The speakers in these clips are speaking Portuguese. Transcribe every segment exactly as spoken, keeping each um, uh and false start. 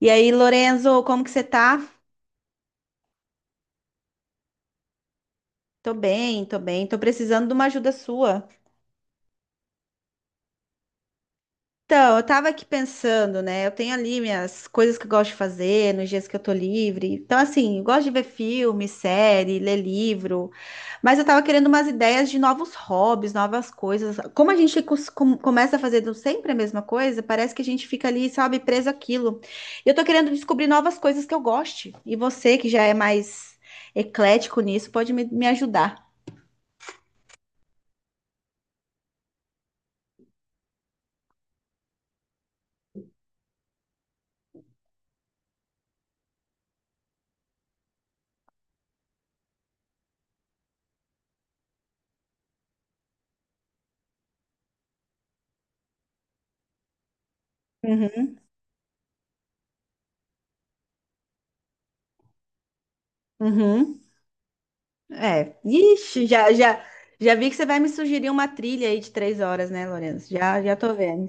E aí, Lorenzo, como que você tá? Tô bem, tô bem. Tô precisando de uma ajuda sua. Então, eu tava aqui pensando, né? Eu tenho ali minhas coisas que eu gosto de fazer nos dias que eu tô livre. Então, assim, eu gosto de ver filme, série, ler livro. Mas eu tava querendo umas ideias de novos hobbies, novas coisas. Como a gente cos- com- começa fazendo sempre a mesma coisa, parece que a gente fica ali, sabe, preso àquilo. E eu tô querendo descobrir novas coisas que eu goste. E você, que já é mais eclético nisso, pode me, me ajudar. Uhum. É. Ixi, já, já, já vi que você vai me sugerir uma trilha aí de três horas, né, Lourenço? Já, já tô vendo.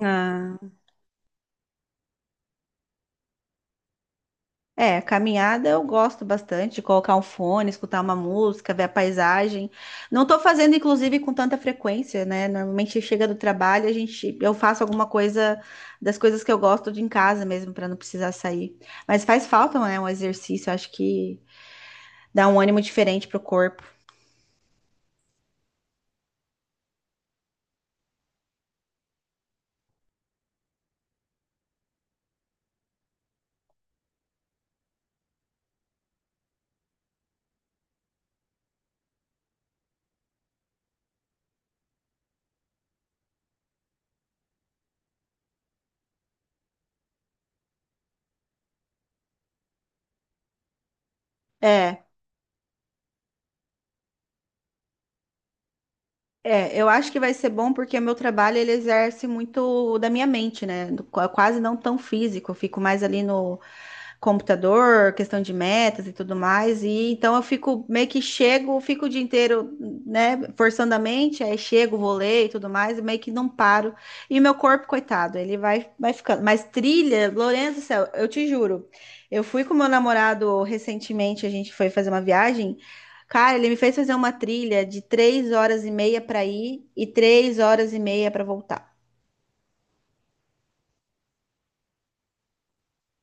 Ah, é, caminhada eu gosto bastante de colocar um fone, escutar uma música, ver a paisagem. Não tô fazendo, inclusive, com tanta frequência, né? Normalmente chega do trabalho, a gente, eu faço alguma coisa das coisas que eu gosto de em casa mesmo, para não precisar sair. Mas faz falta, né, um exercício, acho que dá um ânimo diferente pro corpo. É. É, eu acho que vai ser bom porque o meu trabalho ele exerce muito da minha mente, né? Do- qua- Quase não tão físico, eu fico mais ali no computador, questão de metas e tudo mais. E então eu fico meio que chego, fico o dia inteiro, né, forçando a mente, aí chego, vou ler e tudo mais, e meio que não paro. E meu corpo, coitado, ele vai, vai ficando. Mas trilha, Lourenço do céu, eu te juro. Eu fui com meu namorado recentemente, a gente foi fazer uma viagem. Cara, ele me fez fazer uma trilha de três horas e meia para ir e três horas e meia para voltar.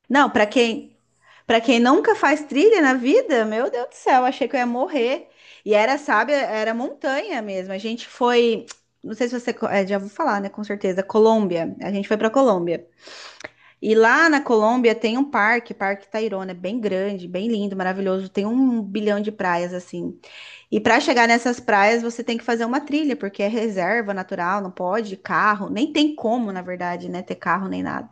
Não, para quem pra quem nunca faz trilha na vida, meu Deus do céu, achei que eu ia morrer. E era, sabe, era montanha mesmo. A gente foi, não sei se você co- eh, já vou falar, né, com certeza, Colômbia. A gente foi pra Colômbia. E lá na Colômbia tem um parque, Parque Tayrona, é bem grande, bem lindo, maravilhoso. Tem um bilhão de praias assim. E pra chegar nessas praias, você tem que fazer uma trilha, porque é reserva natural, não pode carro, nem tem como, na verdade, né, ter carro nem nada.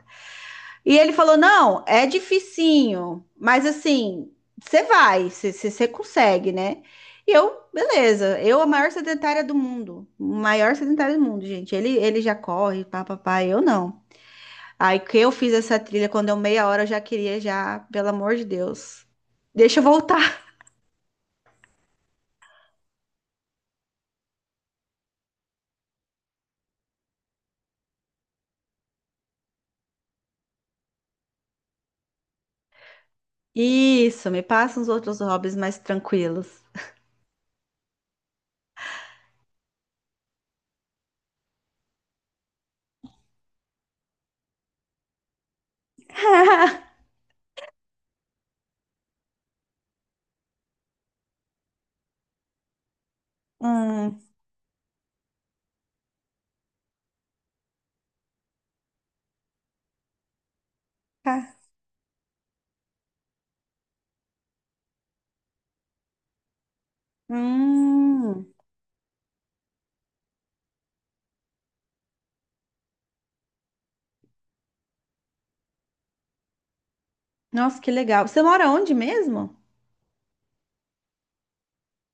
E ele falou: não, é dificinho, mas assim, você vai, você você você consegue, né? E eu, beleza, eu a maior sedentária do mundo, maior sedentária do mundo, gente. Ele, ele já corre, papapá, eu não. Aí que eu fiz essa trilha, quando eu meia hora eu já queria, já, pelo amor de Deus, deixa eu voltar. Isso, me passa uns outros hobbies mais tranquilos. Hum, tá. Hum, nossa, que legal. Você mora onde mesmo?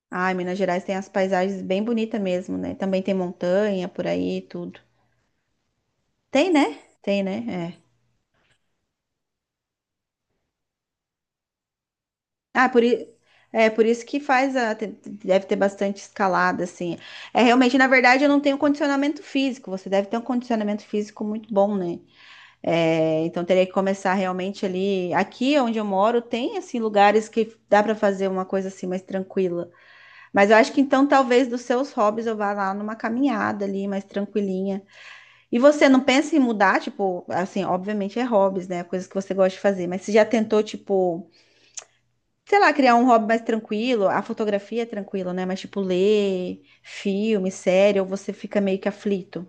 Ah, Minas Gerais tem as paisagens bem bonitas mesmo, né? Também tem montanha por aí e tudo. Tem, né? Tem, né? É. Ah, por, i- é por isso que faz a, te- deve ter bastante escalada, assim. É realmente, na verdade, eu não tenho condicionamento físico. Você deve ter um condicionamento físico muito bom, né? É, então teria que começar realmente ali. Aqui onde eu moro, tem assim lugares que dá para fazer uma coisa assim mais tranquila. Mas eu acho que então talvez dos seus hobbies eu vá lá numa caminhada ali mais tranquilinha. E você não pensa em mudar, tipo, assim, obviamente é hobbies, né? Coisas que você gosta de fazer, mas você já tentou, tipo, sei lá, criar um hobby mais tranquilo? A fotografia é tranquilo, né? Mas, tipo, ler filme, série, ou você fica meio que aflito?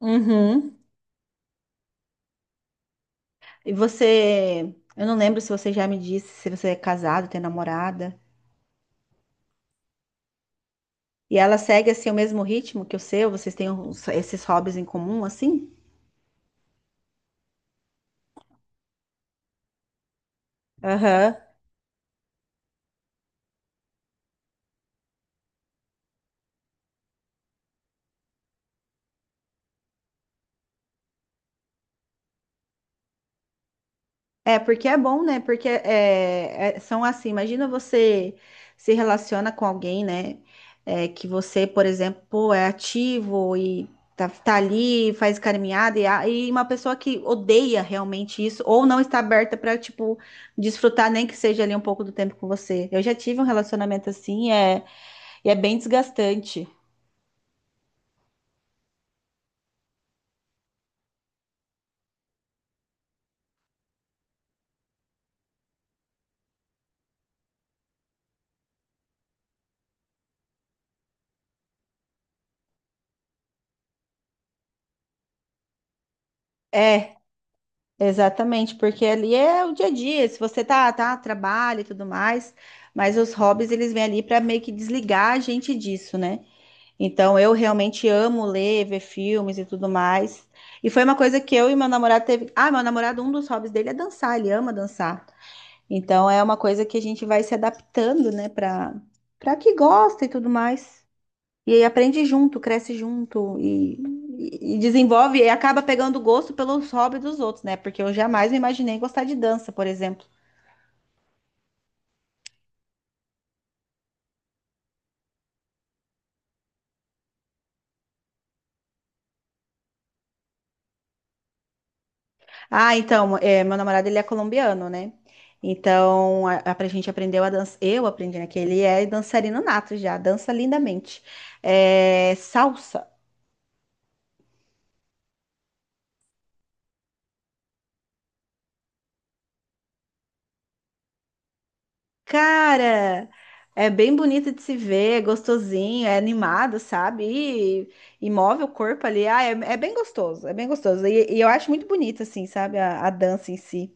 Uhum. E você, eu não lembro se você já me disse se você é casado, tem namorada. E ela segue assim o mesmo ritmo que o seu? Vocês têm uns- esses hobbies em comum, assim? Aham. É, porque é bom, né? Porque é, é- são assim, imagina você se relaciona com alguém, né? É, que você, por exemplo, pô, é ativo e tá, tá ali, faz caminhada, e, a- e uma pessoa que odeia realmente isso, ou não está aberta para, tipo, desfrutar nem que seja ali um pouco do tempo com você. Eu já tive um relacionamento assim, é, e é bem desgastante. É, exatamente, porque ali é o dia a dia, se você tá, tá, trabalha e tudo mais, mas os hobbies eles vêm ali para meio que desligar a gente disso, né? Então eu realmente amo ler, ver filmes e tudo mais. E foi uma coisa que eu e meu namorado teve. Ah, meu namorado, um dos hobbies dele é dançar, ele ama dançar. Então é uma coisa que a gente vai se adaptando, né, para para que gosta e tudo mais. E aí aprende junto, cresce junto e, e- e desenvolve e acaba pegando gosto pelos hobbies dos outros, né? Porque eu jamais me imaginei gostar de dança, por exemplo. Ah, então, é, meu namorado ele é colombiano, né? Então, a, a pra gente aprendeu a dança. Eu aprendi, né? Que ele é dançarino nato já, dança lindamente. É, salsa. Cara, é bem bonito de se ver, é gostosinho, é animado, sabe? E, e move o corpo ali. Ah, é, é bem gostoso, é bem gostoso. E, e eu acho muito bonito, assim, sabe? A, a dança em si.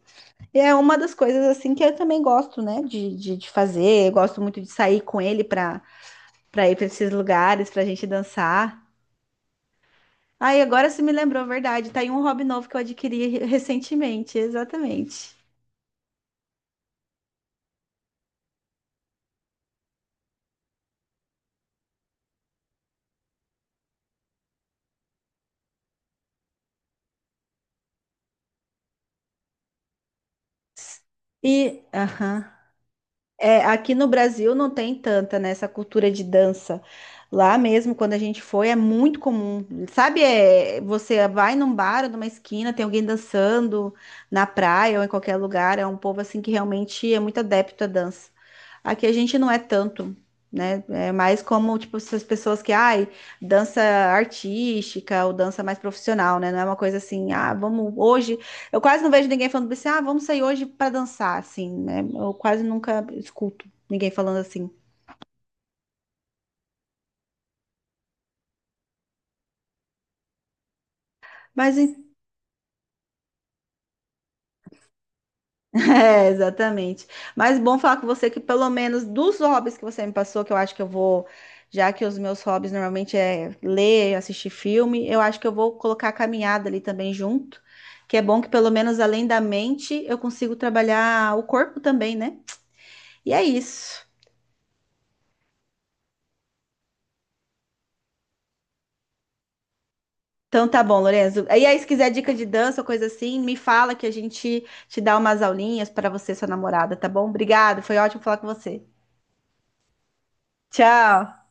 E é uma das coisas, assim, que eu também gosto, né? De, de, de fazer. Eu gosto muito de sair com ele pra, pra ir pra esses lugares, pra gente dançar. Ah, e agora você me lembrou, a verdade. Tá aí um hobby novo que eu adquiri recentemente, exatamente. E, aham. É, aqui no Brasil não tem tanta, né, essa cultura de dança. Lá mesmo, quando a gente foi, é muito comum. Sabe, é, você vai num bar, ou numa esquina, tem alguém dançando na praia ou em qualquer lugar. É um povo assim que realmente é muito adepto à dança. Aqui a gente não é tanto, né? É mais como, tipo, essas pessoas que, ai, dança artística ou dança mais profissional, né? Não é uma coisa assim, ah, vamos hoje. Eu quase não vejo ninguém falando assim, ah, vamos sair hoje pra dançar, assim, né? Eu quase nunca escuto ninguém falando assim. Mas, em- é, exatamente. Mas bom falar com você que pelo menos dos hobbies que você me passou, que eu acho que eu vou, já que os meus hobbies normalmente é ler, assistir filme, eu acho que eu vou colocar a caminhada ali também junto, que é bom que pelo menos além da mente eu consigo trabalhar o corpo também, né? E é isso. Então tá bom, Lorenzo. E aí, se quiser dica de dança ou coisa assim, me fala que a gente te dá umas aulinhas para você e sua namorada, tá bom? Obrigada, foi ótimo falar com você. Tchau.